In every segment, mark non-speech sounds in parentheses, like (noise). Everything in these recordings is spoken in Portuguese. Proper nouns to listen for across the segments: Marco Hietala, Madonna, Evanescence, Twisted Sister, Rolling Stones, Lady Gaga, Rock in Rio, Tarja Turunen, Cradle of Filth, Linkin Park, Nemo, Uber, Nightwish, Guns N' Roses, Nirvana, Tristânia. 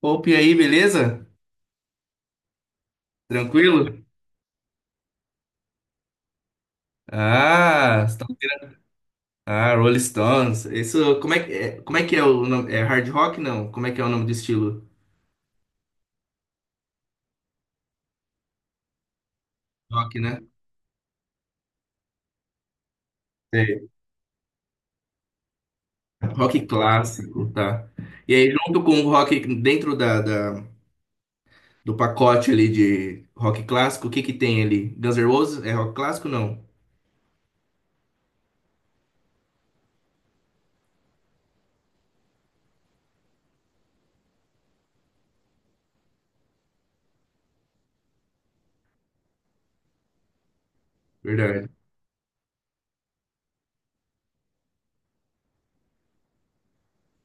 Opa, e aí, beleza? Tranquilo? Ah, você tá- ouvindo- ah, Rolling Stones. Isso, como é que é o nome? É hard rock, não? Como é que é o nome do estilo? Rock, né? Sei. Rock clássico, tá. E aí, junto com o rock, dentro do pacote ali de rock clássico, o que que tem ali? Guns N' Roses é rock clássico, não? Verdade,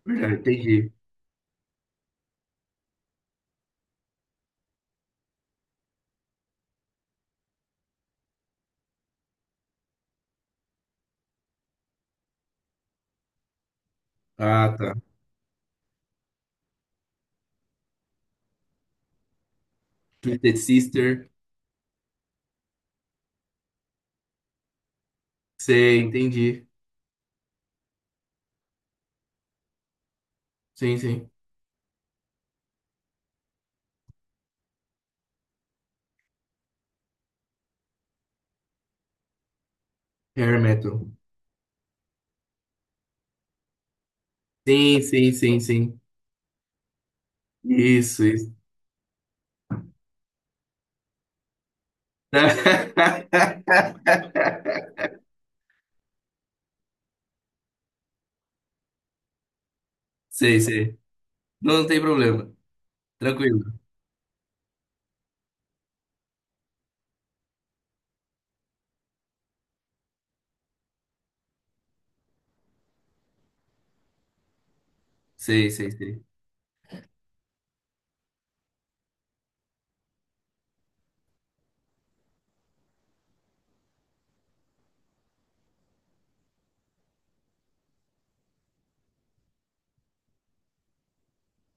verdade, entendi. Ah, tá. Twisted Sister, sei, entendi. Sim, sim. Hair metal. Sim, sim, sim, sim. Isso, isso. (laughs) Sei, sei. Não, não tem problema. Tranquilo. Sei, sei, sei.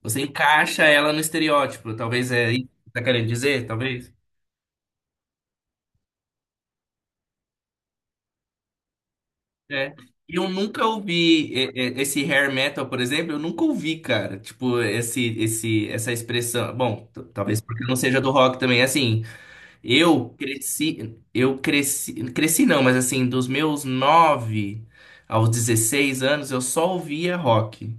Você encaixa ela no estereótipo. Talvez é isso que tá querendo dizer, talvez. É. E eu nunca ouvi esse hair metal, por exemplo, eu nunca ouvi, cara. Tipo, essa expressão. Bom, talvez porque eu não seja do rock também. Assim, eu cresci, cresci não, mas assim, dos meus 9 aos 16 anos, eu só ouvia rock.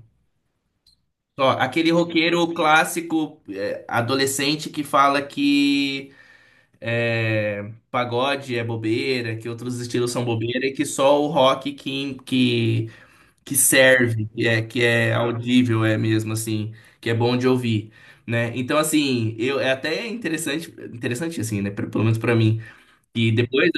Ó, aquele roqueiro clássico, é, adolescente que fala que é, pagode é bobeira, que outros estilos são bobeira e que só o rock que serve, que é audível, é mesmo assim, que é bom de ouvir, né? Então, assim, eu, é até interessante, interessante assim, né? Pelo menos pra mim, que depois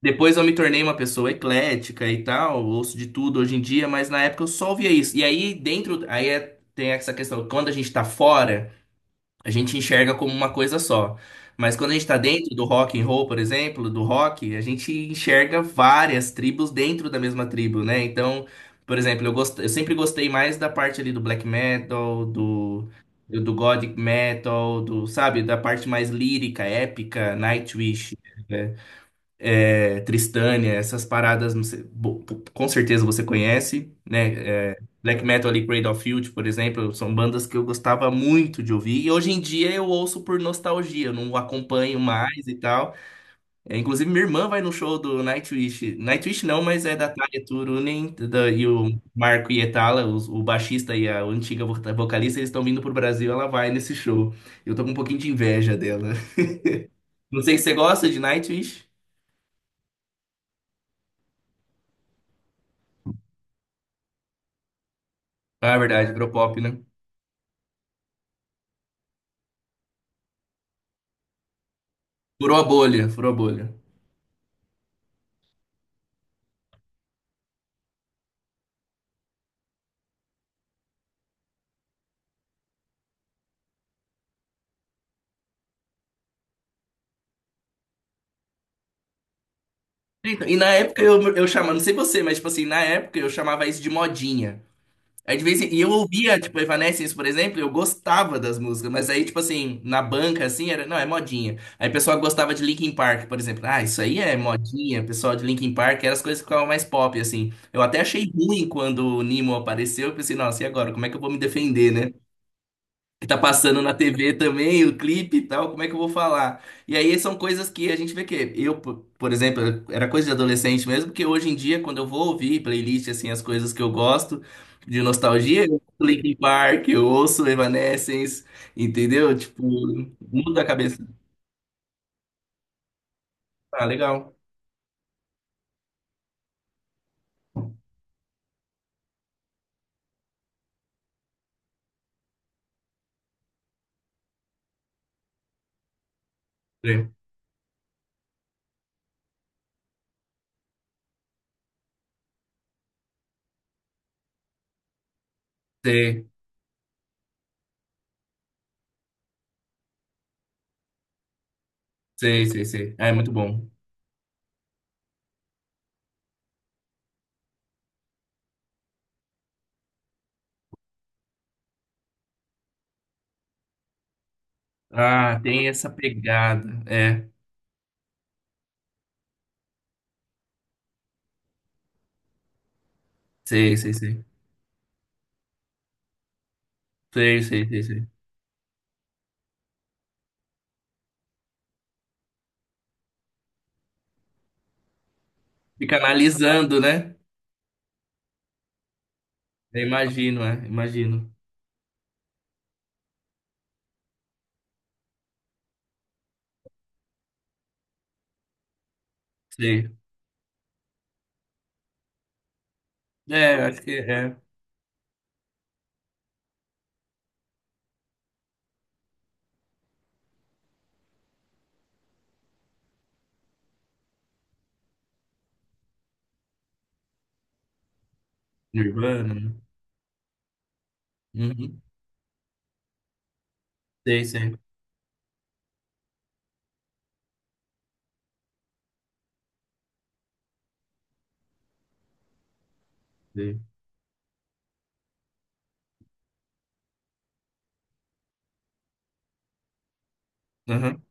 depois eu me tornei uma pessoa eclética e tal, ouço de tudo hoje em dia, mas na época eu só ouvia isso. E aí dentro, tem essa questão, quando a gente tá fora, a gente enxerga como uma coisa só. Mas quando a gente tá dentro do rock and roll, por exemplo, do rock, a gente enxerga várias tribos dentro da mesma tribo, né? Então, por exemplo, eu sempre gostei mais da parte ali do black metal, do gothic metal, do, sabe, da parte mais lírica, épica, Nightwish, né? É, Tristânia, essas paradas, não sei, com certeza você conhece, né? É, Black Metal ali, Cradle of Filth, por exemplo, são bandas que eu gostava muito de ouvir. E hoje em dia eu ouço por nostalgia, eu não acompanho mais e tal. É, inclusive, minha irmã vai no show do Nightwish. Nightwish não, mas é da Tarja Turunen e o Marco Hietala, o baixista e a antiga vocalista, eles estão vindo pro Brasil, ela vai nesse show. Eu tô com um pouquinho de inveja dela. (laughs) Não sei se você gosta de Nightwish. Ah, é verdade, Europop, né? Furou a bolha, furou a bolha. Então, e na época eu chamava, não sei você, mas tipo assim, na época eu chamava isso de modinha. Aí e eu ouvia, tipo, Evanescence, por exemplo, eu gostava das músicas, mas aí, tipo assim, na banca, assim, era, não, é modinha. Aí o pessoal gostava de Linkin Park, por exemplo. Ah, isso aí é modinha, o pessoal de Linkin Park, eram as coisas que ficavam mais pop, assim. Eu até achei ruim quando o Nemo apareceu, eu pensei, nossa, e agora, como é que eu vou me defender, né? Que tá passando na TV também, o clipe e tal, como é que eu vou falar? E aí são coisas que a gente vê que por exemplo, era coisa de adolescente mesmo, que hoje em dia, quando eu vou ouvir playlist, assim, as coisas que eu gosto de nostalgia, eu ouço Linkin Park, eu ouço Evanescence, entendeu? Tipo, muda a cabeça. Ah, legal. Sei, sei, sei, sei. Sei. Ah, é muito bom. Ah, tem essa pegada. É, sei, sei, sei. Sei, sei, sei, sei. Fica analisando, né? Eu imagino, é, imagino. Sei. É, acho que é. Nirvana, né? Uhum. Sei, sei, sei. Uhum.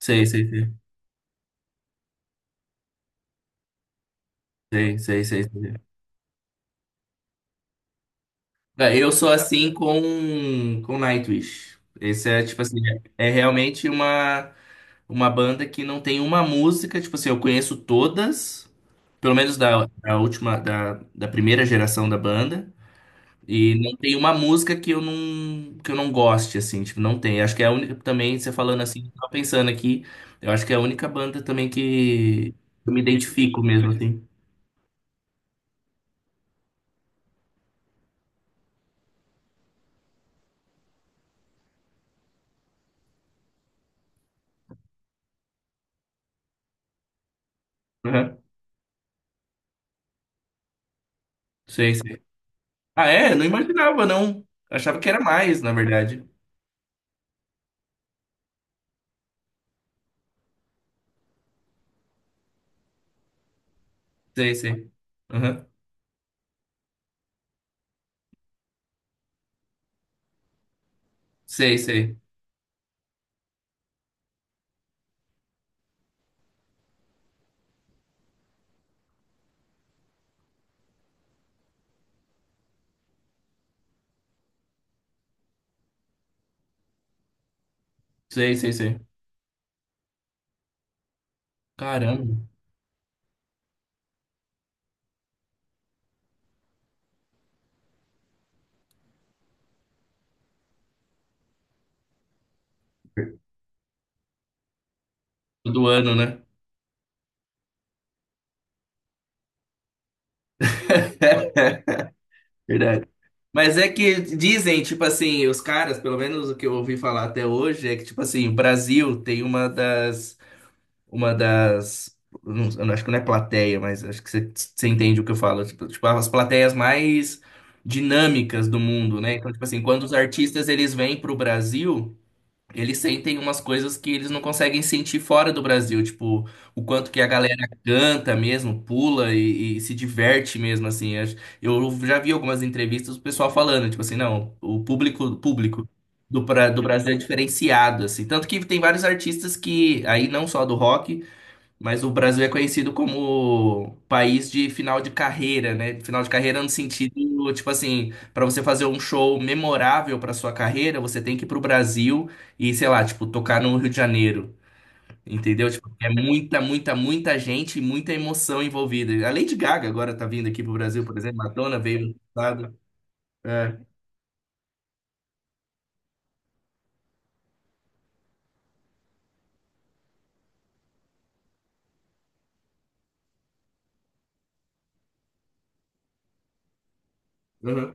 Sei, sei, sei. Sei, sei, sei, sei. É, eu sou assim com Nightwish. Esse é, tipo assim, é realmente uma banda que não tem uma música, tipo assim, eu conheço todas, pelo menos da, da última, da primeira geração da banda. E não tem uma música que eu não goste assim, tipo, não tem. Acho que é a única também, você falando assim, tava pensando aqui, eu acho que é a única banda também que eu me identifico mesmo assim. Aham. Sei, sei. Ah, é? Não imaginava não. Achava que era mais, na verdade. Sei, sei. Aham. Sei, sei. Sei, sei, sei. Caramba. Todo ano, né? (laughs) Verdade. Mas é que dizem, tipo assim, os caras, pelo menos o que eu ouvi falar até hoje, é que, tipo assim, o Brasil tem uma das. Não, eu acho que não é plateia, mas acho que você entende o que eu falo. Tipo, as plateias mais dinâmicas do mundo, né? Então, tipo assim, quando os artistas eles vêm pro Brasil, eles sentem umas coisas que eles não conseguem sentir fora do Brasil. Tipo, o quanto que a galera canta mesmo, pula e se diverte mesmo, assim. Eu já vi algumas entrevistas do pessoal falando, tipo assim, não, o público do Brasil é diferenciado, assim. Tanto que tem vários artistas que, aí não só do rock, mas o Brasil é conhecido como país de final de carreira, né? Final de carreira no sentido, tipo assim, para você fazer um show memorável para sua carreira, você tem que ir pro Brasil e, sei lá, tipo, tocar no Rio de Janeiro. Entendeu? Tipo, é muita, muita, muita gente e muita emoção envolvida. A Lady Gaga agora tá vindo aqui pro Brasil, por exemplo. Madonna veio no passado. É. Uhum.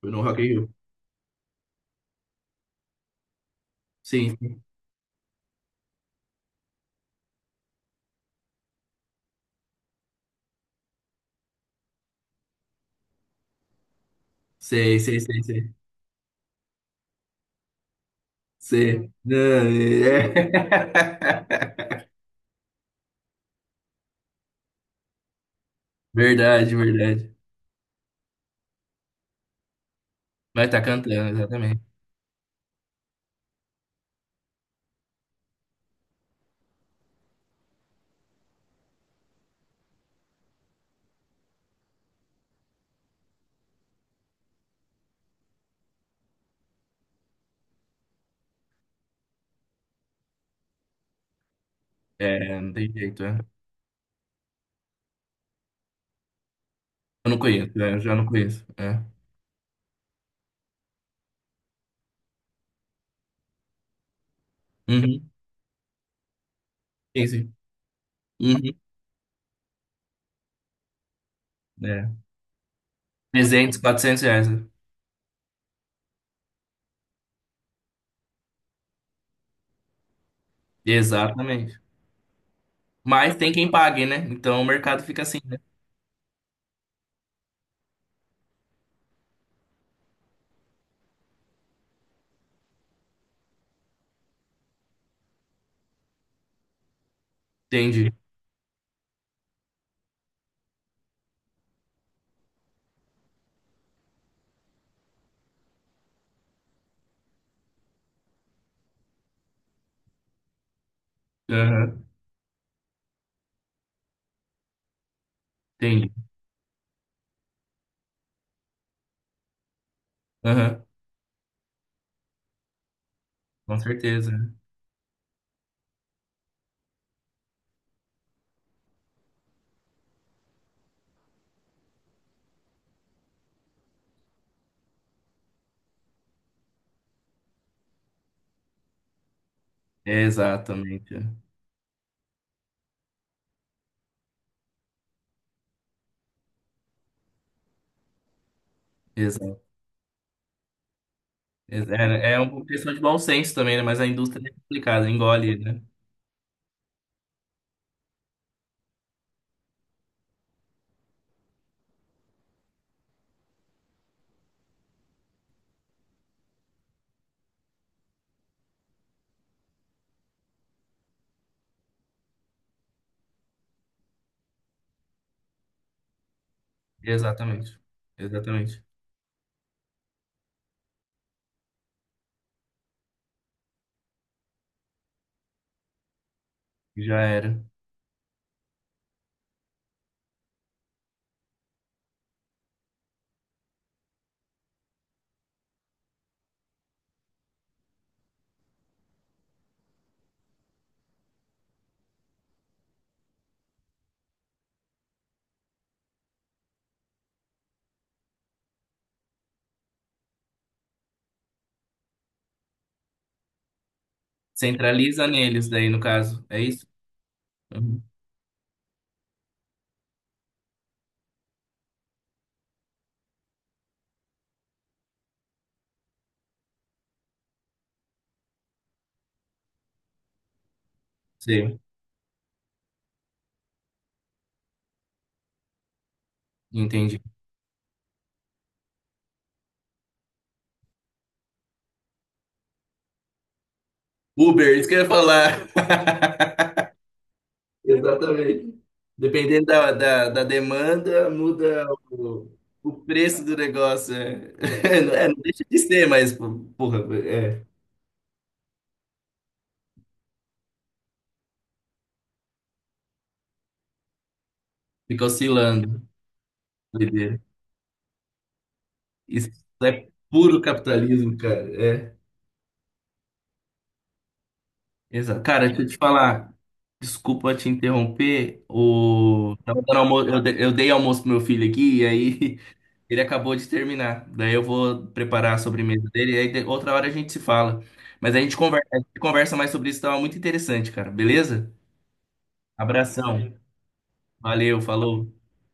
Foi no Rock in Rio. Sim. Sei, sei, sei, sei. Sei. Ah, é. (laughs) Verdade, verdade. Vai estar cantando, exatamente. É, não tem jeito, é. Eu não conheço, é, eu já não conheço. É. Uhum. Sim, sim. Uhum. É. 300, 400 reais, né? Exatamente. Mas tem quem pague, né? Então o mercado fica assim, né? Entendi. Aham. Entendi. Aham. Com certeza. Exatamente. Exato. É uma questão de bom senso também, né? Mas a indústria é complicada, engole, né? Exatamente. Exatamente. Já era. Centraliza neles daí, no caso. É isso? Uhum. Sim. Entendi. Uber, isso que eu ia falar. (laughs) Exatamente. Dependendo da demanda, muda o preço do negócio. É. (laughs) Não, é, não deixa de ser, mas, pô, porra, é, fica oscilando. Doideira. Isso é puro capitalismo, cara. É. Exato. Cara, deixa eu te falar. Desculpa te interromper. O... tava dando almo- Eu de- eu dei almoço pro meu filho aqui e aí (laughs) ele acabou de terminar. Daí eu vou preparar a sobremesa dele e aí outra hora a gente se fala. Mas a gente conversa mais sobre isso, tava muito interessante, cara. Beleza? Abração. Valeu, falou.